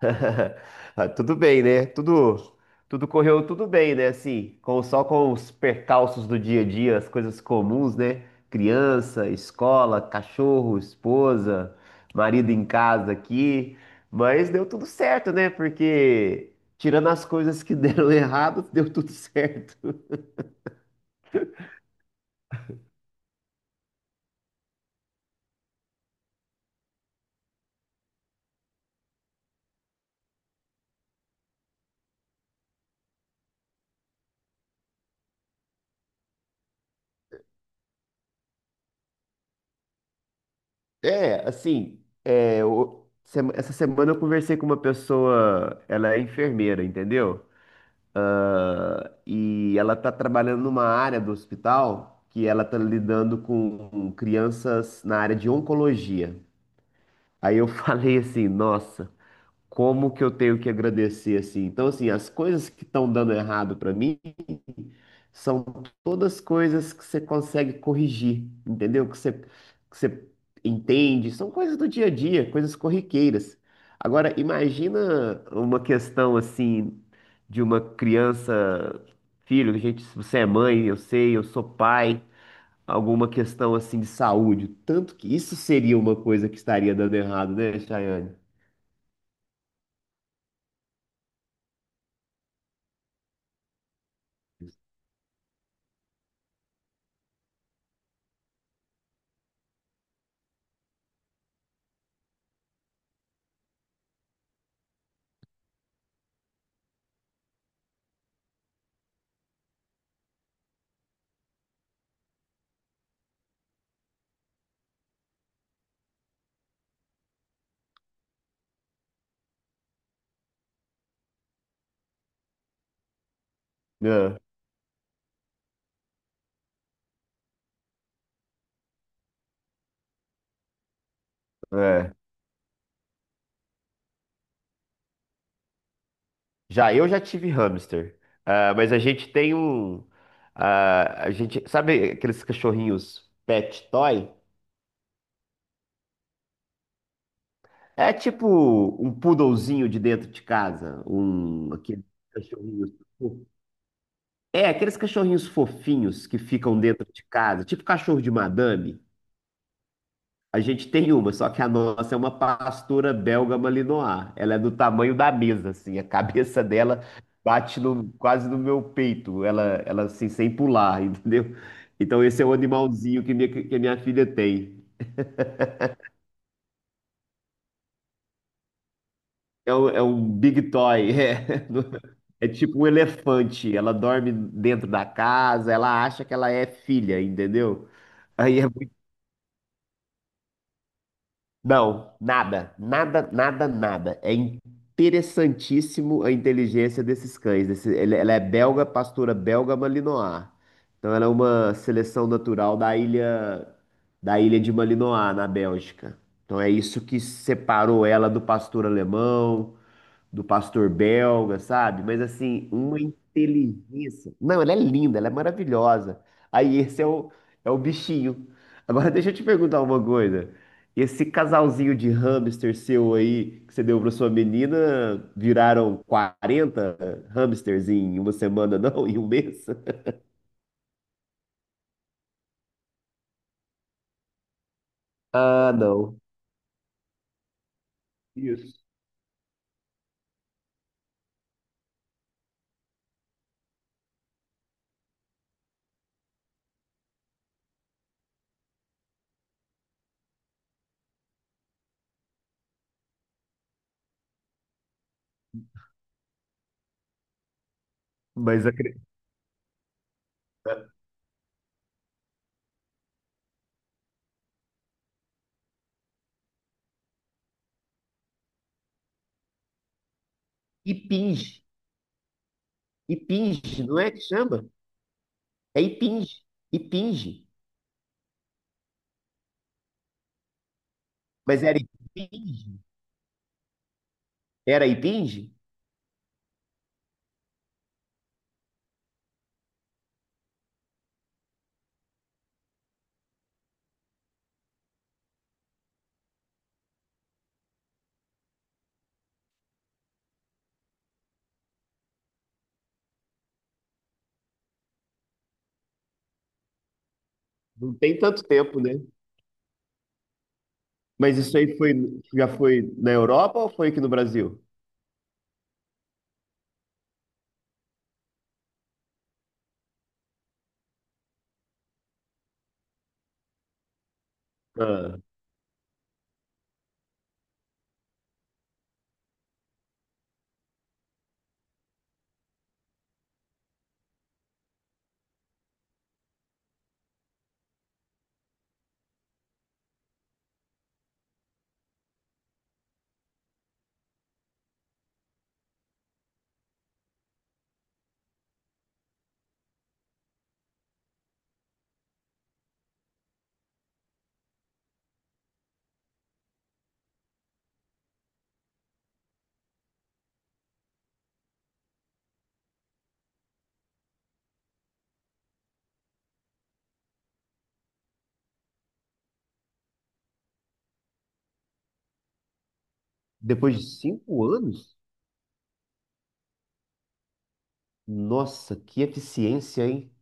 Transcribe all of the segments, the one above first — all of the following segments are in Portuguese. Ah, tudo bem, né? Tudo correu tudo bem, né? Assim, com, só com os percalços do dia a dia, as coisas comuns, né? Criança, escola, cachorro, esposa, marido em casa aqui. Mas deu tudo certo, né? Porque tirando as coisas que deram errado, deu tudo certo. É, assim, Essa semana eu conversei com uma pessoa, ela é enfermeira, entendeu? E ela está trabalhando numa área do hospital que ela está lidando com crianças na área de oncologia. Aí eu falei assim, nossa, como que eu tenho que agradecer assim? Então assim, as coisas que estão dando errado para mim são todas coisas que você consegue corrigir, entendeu? Que você entende, são coisas do dia a dia, coisas corriqueiras. Agora, imagina uma questão assim de uma criança, filho, gente, se você é mãe, eu sei, eu sou pai, alguma questão assim de saúde. Tanto que isso seria uma coisa que estaria dando errado, né, Chayane? É. Já eu já tive hamster. Ah, mas a gente tem um, ah, a gente sabe aqueles cachorrinhos pet toy? É tipo um poodlezinho de dentro de casa, um aqueles cachorrinhos, é aqueles cachorrinhos fofinhos que ficam dentro de casa, tipo cachorro de madame. A gente tem uma, só que a nossa é uma pastora belga malinois. Ela é do tamanho da mesa, assim. A cabeça dela bate no- quase no meu peito. Ela assim, sem pular, entendeu? Então esse é o animalzinho que a minha filha tem. É um big toy. É, é tipo um elefante. Ela dorme dentro da casa. Ela acha que ela é filha, entendeu? Aí é muito Não, nada, nada, nada, nada. É interessantíssimo a inteligência desses cães. Ela é belga, pastora belga Malinois. Então ela é uma seleção natural da ilha de Malinois, na Bélgica. Então é isso que separou ela do pastor alemão, do pastor belga, sabe? Mas assim, uma inteligência. Não, ela é linda, ela é maravilhosa. Aí esse é o bichinho. Agora deixa eu te perguntar uma coisa. Esse casalzinho de hamster seu aí que você deu para sua menina, viraram 40 hamsters em uma semana, não? Em um mês? Ah, não. Isso. Mas acredita. Impinge. Impinge, não é que chama? É impinge. Impinge. Mas era impinge. Era Ipinge? Não tem tanto tempo, né? Mas isso aí foi, já foi na Europa ou foi aqui no Brasil? Ah, depois de 5 anos? Nossa, que eficiência, hein?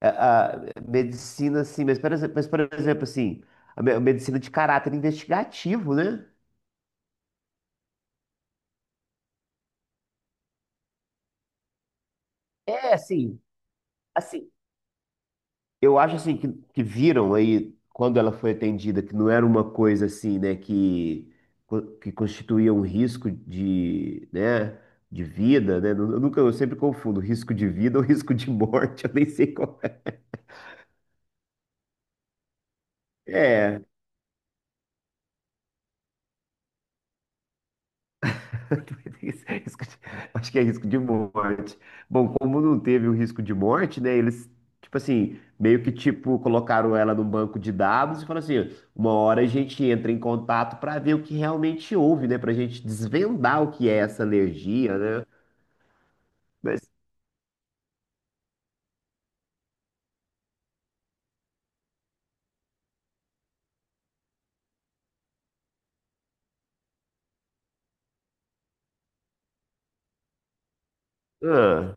A medicina, assim, por exemplo, assim, a medicina de caráter investigativo, né? É, assim, assim, Eu acho assim Que viram aí quando ela foi atendida que não era uma coisa assim, né, que constituía um risco de, né, de vida, né? Eu nunca, eu sempre confundo risco de vida ou risco de morte, eu nem sei qual é. É, Risco de- Acho que é risco de morte. Bom, como não teve o risco de morte, né? Eles, tipo assim, meio que tipo colocaram ela num banco de dados e falaram assim, uma hora a gente entra em contato para ver o que realmente houve, né? Pra gente desvendar o que é essa alergia, né? Mas, ah,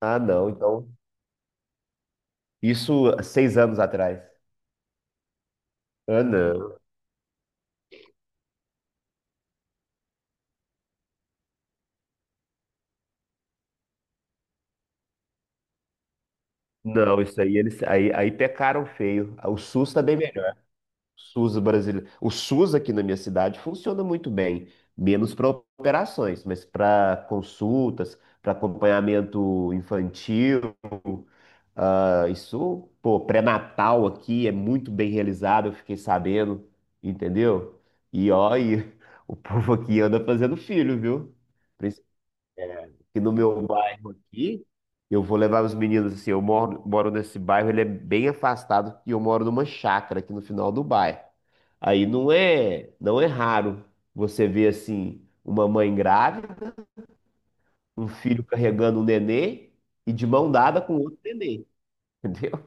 não. Então, isso há 6 anos atrás. Ah, não. Não, isso aí eles aí, aí pecaram feio. O SUS também SUS brasileiro. O SUS aqui na minha cidade funciona muito bem, menos para operações, mas para consultas, para acompanhamento infantil. Ah, isso, pô, pré-natal aqui é muito bem realizado, eu fiquei sabendo, entendeu? E ó, e o povo aqui anda fazendo filho, viu? Que no meu bairro aqui, eu vou levar os meninos assim, moro nesse bairro, ele é bem afastado e eu moro numa chácara aqui no final do bairro. Aí não é raro você ver assim uma mãe grávida, um filho carregando um nenê e de mão dada com outro nenê, entendeu?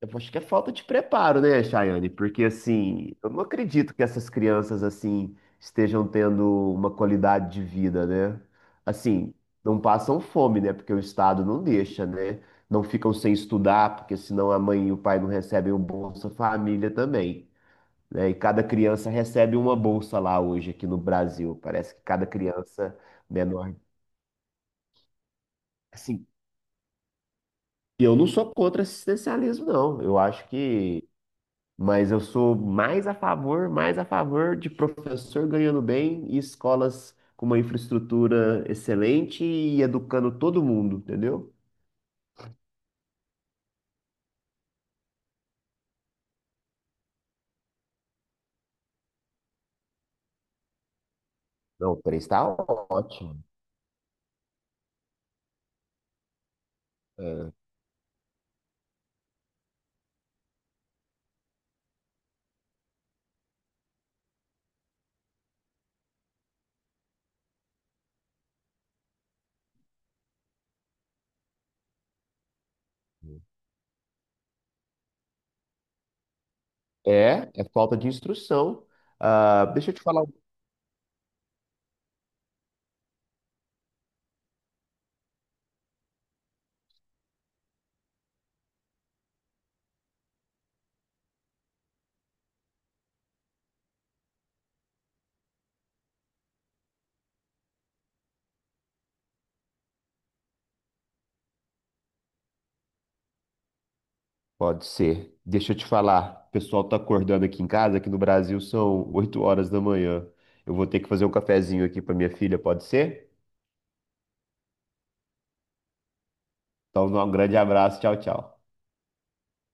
Eu acho que é falta de preparo, né, Chayane? Porque, assim, eu não acredito que essas crianças, assim, estejam tendo uma qualidade de vida, né? Assim, não passam fome, né? Porque o Estado não deixa, né? Não ficam sem estudar, porque senão a mãe e o pai não recebem o Bolsa Família também, né? E cada criança recebe uma bolsa lá hoje, aqui no Brasil. Parece que cada criança menor. Assim, eu não sou contra assistencialismo, não. Eu acho que. Mas eu sou mais a favor de professor ganhando bem e escolas com uma infraestrutura excelente e educando todo mundo, entendeu? Não, três está ótimo. É, é é falta de instrução. Ah, deixa eu te falar. Pode ser. Deixa eu te falar. O pessoal tá acordando aqui em casa, aqui no Brasil são 8 horas da manhã. Eu vou ter que fazer um cafezinho aqui para minha filha, pode ser? Então, um grande abraço. Tchau, tchau.